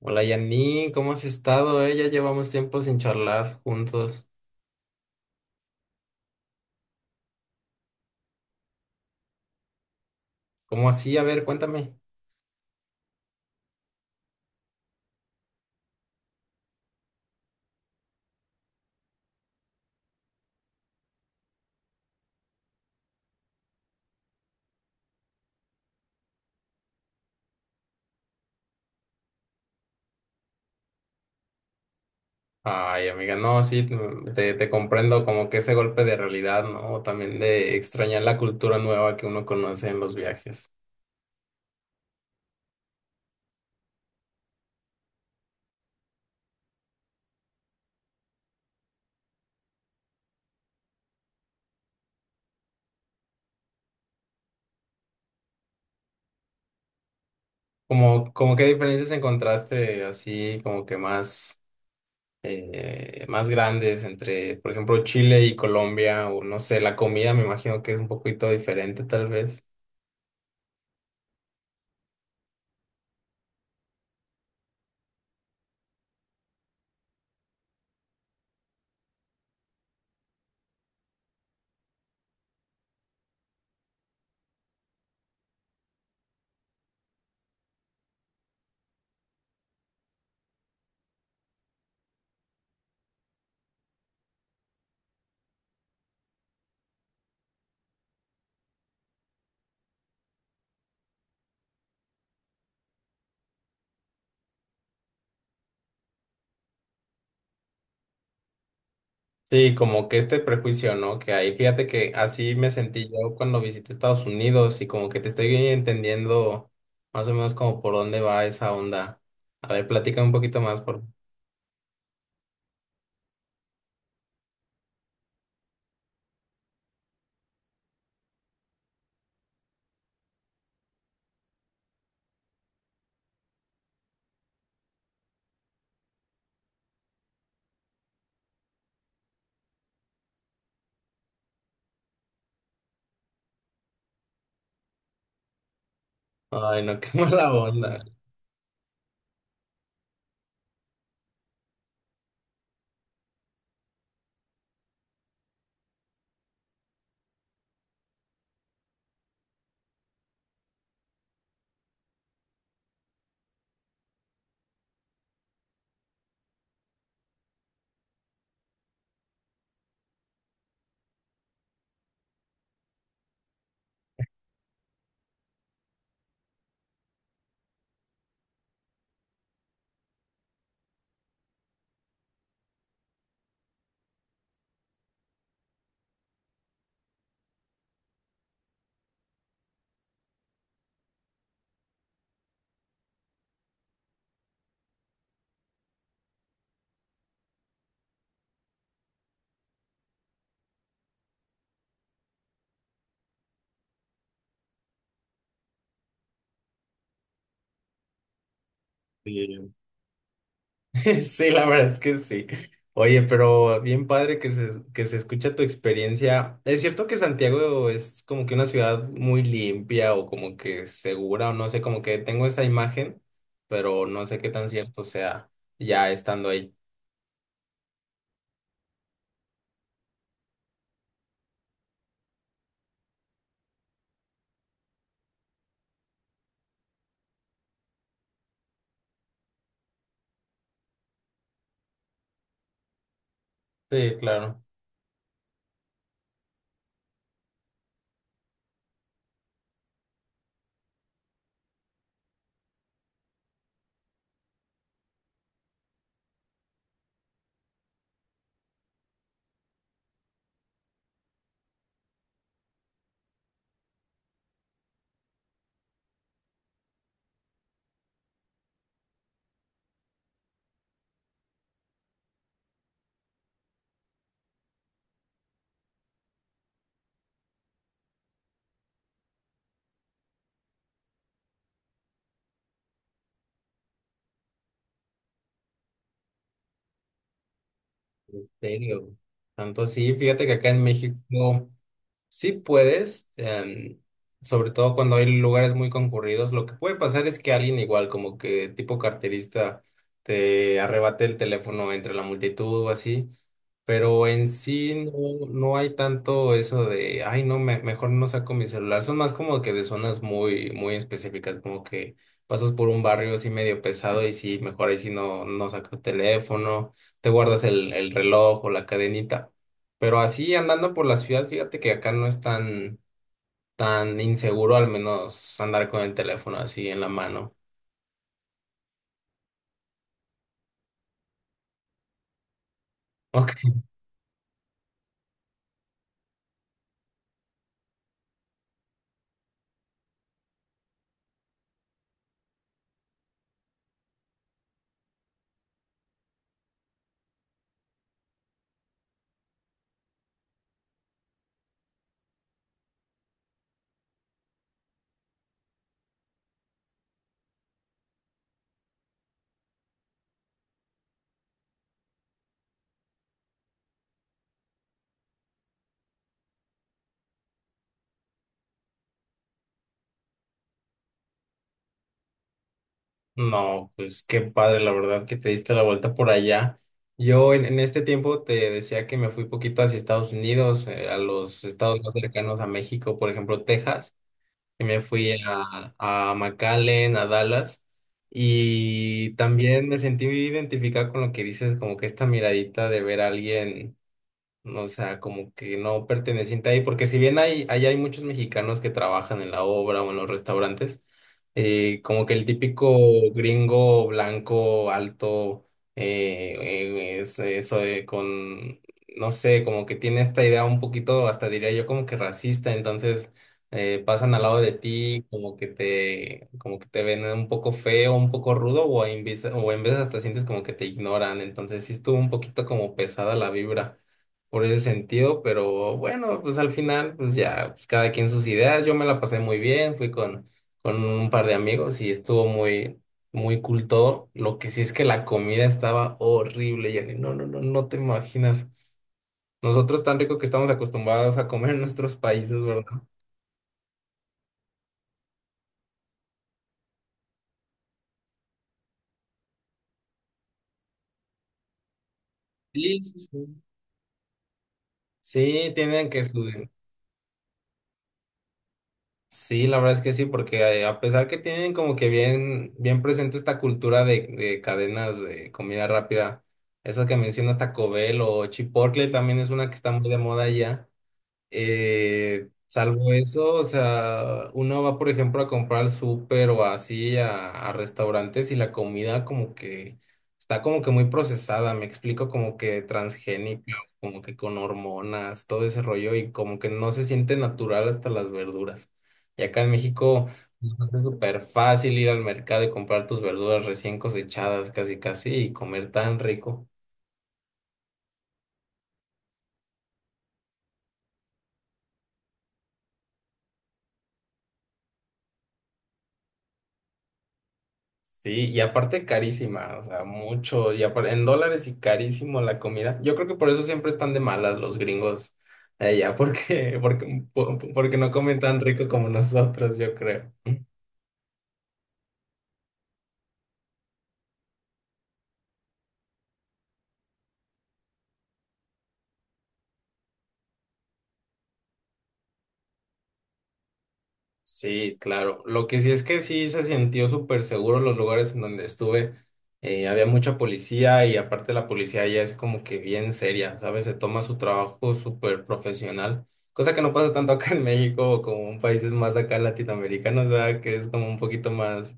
Hola Janine, ¿cómo has estado? ¿Eh? Ya llevamos tiempo sin charlar juntos. ¿Cómo así? A ver, cuéntame. Ay, amiga, no, sí, mm, te comprendo, como que ese golpe de realidad, ¿no? También de extrañar la cultura nueva que uno conoce en los viajes. Como qué diferencias encontraste así, como que más, más grandes entre, por ejemplo, Chile y Colombia, o no sé, la comida me imagino que es un poquito diferente tal vez. Sí, como que este prejuicio, ¿no? Que ahí, fíjate que así me sentí yo cuando visité Estados Unidos, y como que te estoy entendiendo más o menos como por dónde va esa onda. A ver, platica un poquito más por... Ay, no, qué mala onda. Sí. Sí, la verdad es que sí. Oye, pero bien padre que se escucha tu experiencia. Es cierto que Santiago es como que una ciudad muy limpia o como que segura, o no sé, como que tengo esa imagen, pero no sé qué tan cierto sea ya estando ahí. Sí, claro. ¿En serio? Tanto sí, fíjate que acá en México sí puedes, sobre todo cuando hay lugares muy concurridos. Lo que puede pasar es que alguien, igual, como que tipo carterista, te arrebate el teléfono entre la multitud o así, pero en sí no, no hay tanto eso de, ay, no, me- mejor no saco mi celular. Son más como que de zonas muy, muy específicas, como que pasas por un barrio así medio pesado y sí, mejor ahí sí no, no sacas teléfono, te guardas el reloj o la cadenita. Pero así andando por la ciudad, fíjate que acá no es tan, tan inseguro, al menos andar con el teléfono así en la mano. Ok. No, pues qué padre, la verdad, que te diste la vuelta por allá. Yo en este tiempo te decía que me fui poquito hacia Estados Unidos, a los estados más cercanos a México, por ejemplo, Texas. Y me fui a McAllen, a Dallas, y también me sentí identificado con lo que dices, como que esta miradita de ver a alguien. O sea, como que no perteneciente ahí, porque si bien hay, ahí hay muchos mexicanos que trabajan en la obra o en los restaurantes, como que el típico gringo blanco, alto, es eso de con, no sé, como que tiene esta idea un poquito, hasta diría yo, como que racista. Entonces pasan al lado de ti, como que te ven un poco feo, un poco rudo, o en vez- o en veces hasta sientes como que te ignoran. Entonces sí estuvo un poquito como pesada la vibra por ese sentido, pero bueno, pues al final, pues ya, pues cada quien sus ideas. Yo me la pasé muy bien, fui con un par de amigos y estuvo muy, muy cool todo. Lo que sí es que la comida estaba horrible, Jenny, no, no, no, no te imaginas, nosotros tan rico que estamos acostumbrados a comer en nuestros países, ¿verdad? Sí, sí, sí. Sí, tienen que su... Sí, la verdad es que sí, porque a pesar que tienen como que bien, bien presente esta cultura de cadenas de comida rápida, esa que mencionas, Taco Bell, o Chipotle también es una que está muy de moda allá. Salvo eso, o sea, uno va, por ejemplo, a comprar al súper o así a restaurantes, y la comida como que está como que muy procesada, me explico, como que transgénica, como que con hormonas, todo ese rollo, y como que no se siente natural hasta las verduras. Y acá en México es súper fácil ir al mercado y comprar tus verduras recién cosechadas, casi casi, y comer tan rico. Sí, y aparte carísima, o sea, mucho, y apar- en dólares y carísimo la comida. Yo creo que por eso siempre están de malas los gringos allá, porque, porque, po- porque no comen tan rico como nosotros, yo creo. Sí, claro. Lo que sí es que sí se sintió súper seguro los lugares en donde estuve. Había mucha policía, y aparte la policía ya es como que bien seria, ¿sabes? Se toma su trabajo súper profesional, cosa que no pasa tanto acá en México o como en países más acá latinoamericanos, ¿verdad? Que es como un poquito más,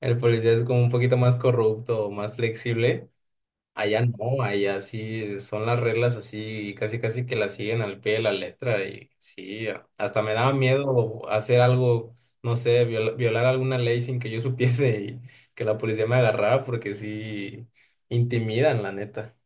el policía es como un poquito más corrupto, más flexible. Allá no, allá sí son las reglas así, casi casi que las siguen al pie de la letra, y sí, a- hasta me daba miedo hacer algo, no sé, viol- violar alguna ley sin que yo supiese y que la policía me agarrara, porque sí intimidan, la neta.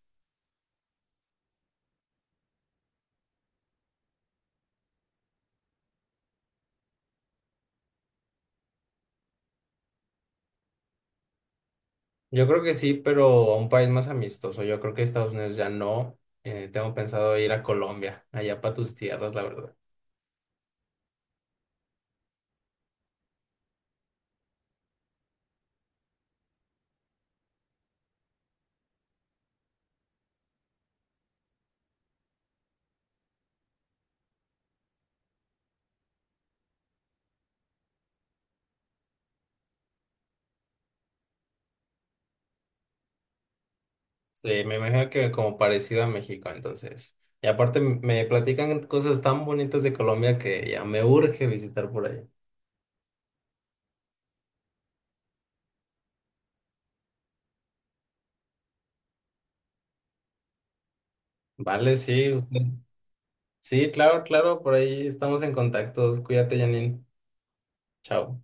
Yo creo que sí, pero a un país más amistoso. Yo creo que Estados Unidos ya no. Tengo pensado ir a Colombia, allá para tus tierras, la verdad. Sí, me imagino que como parecido a México, entonces. Y aparte me platican cosas tan bonitas de Colombia que ya me urge visitar por ahí. Vale, sí, usted. Sí, claro, claro, por ahí estamos en contacto. Cuídate, Janine. Chao.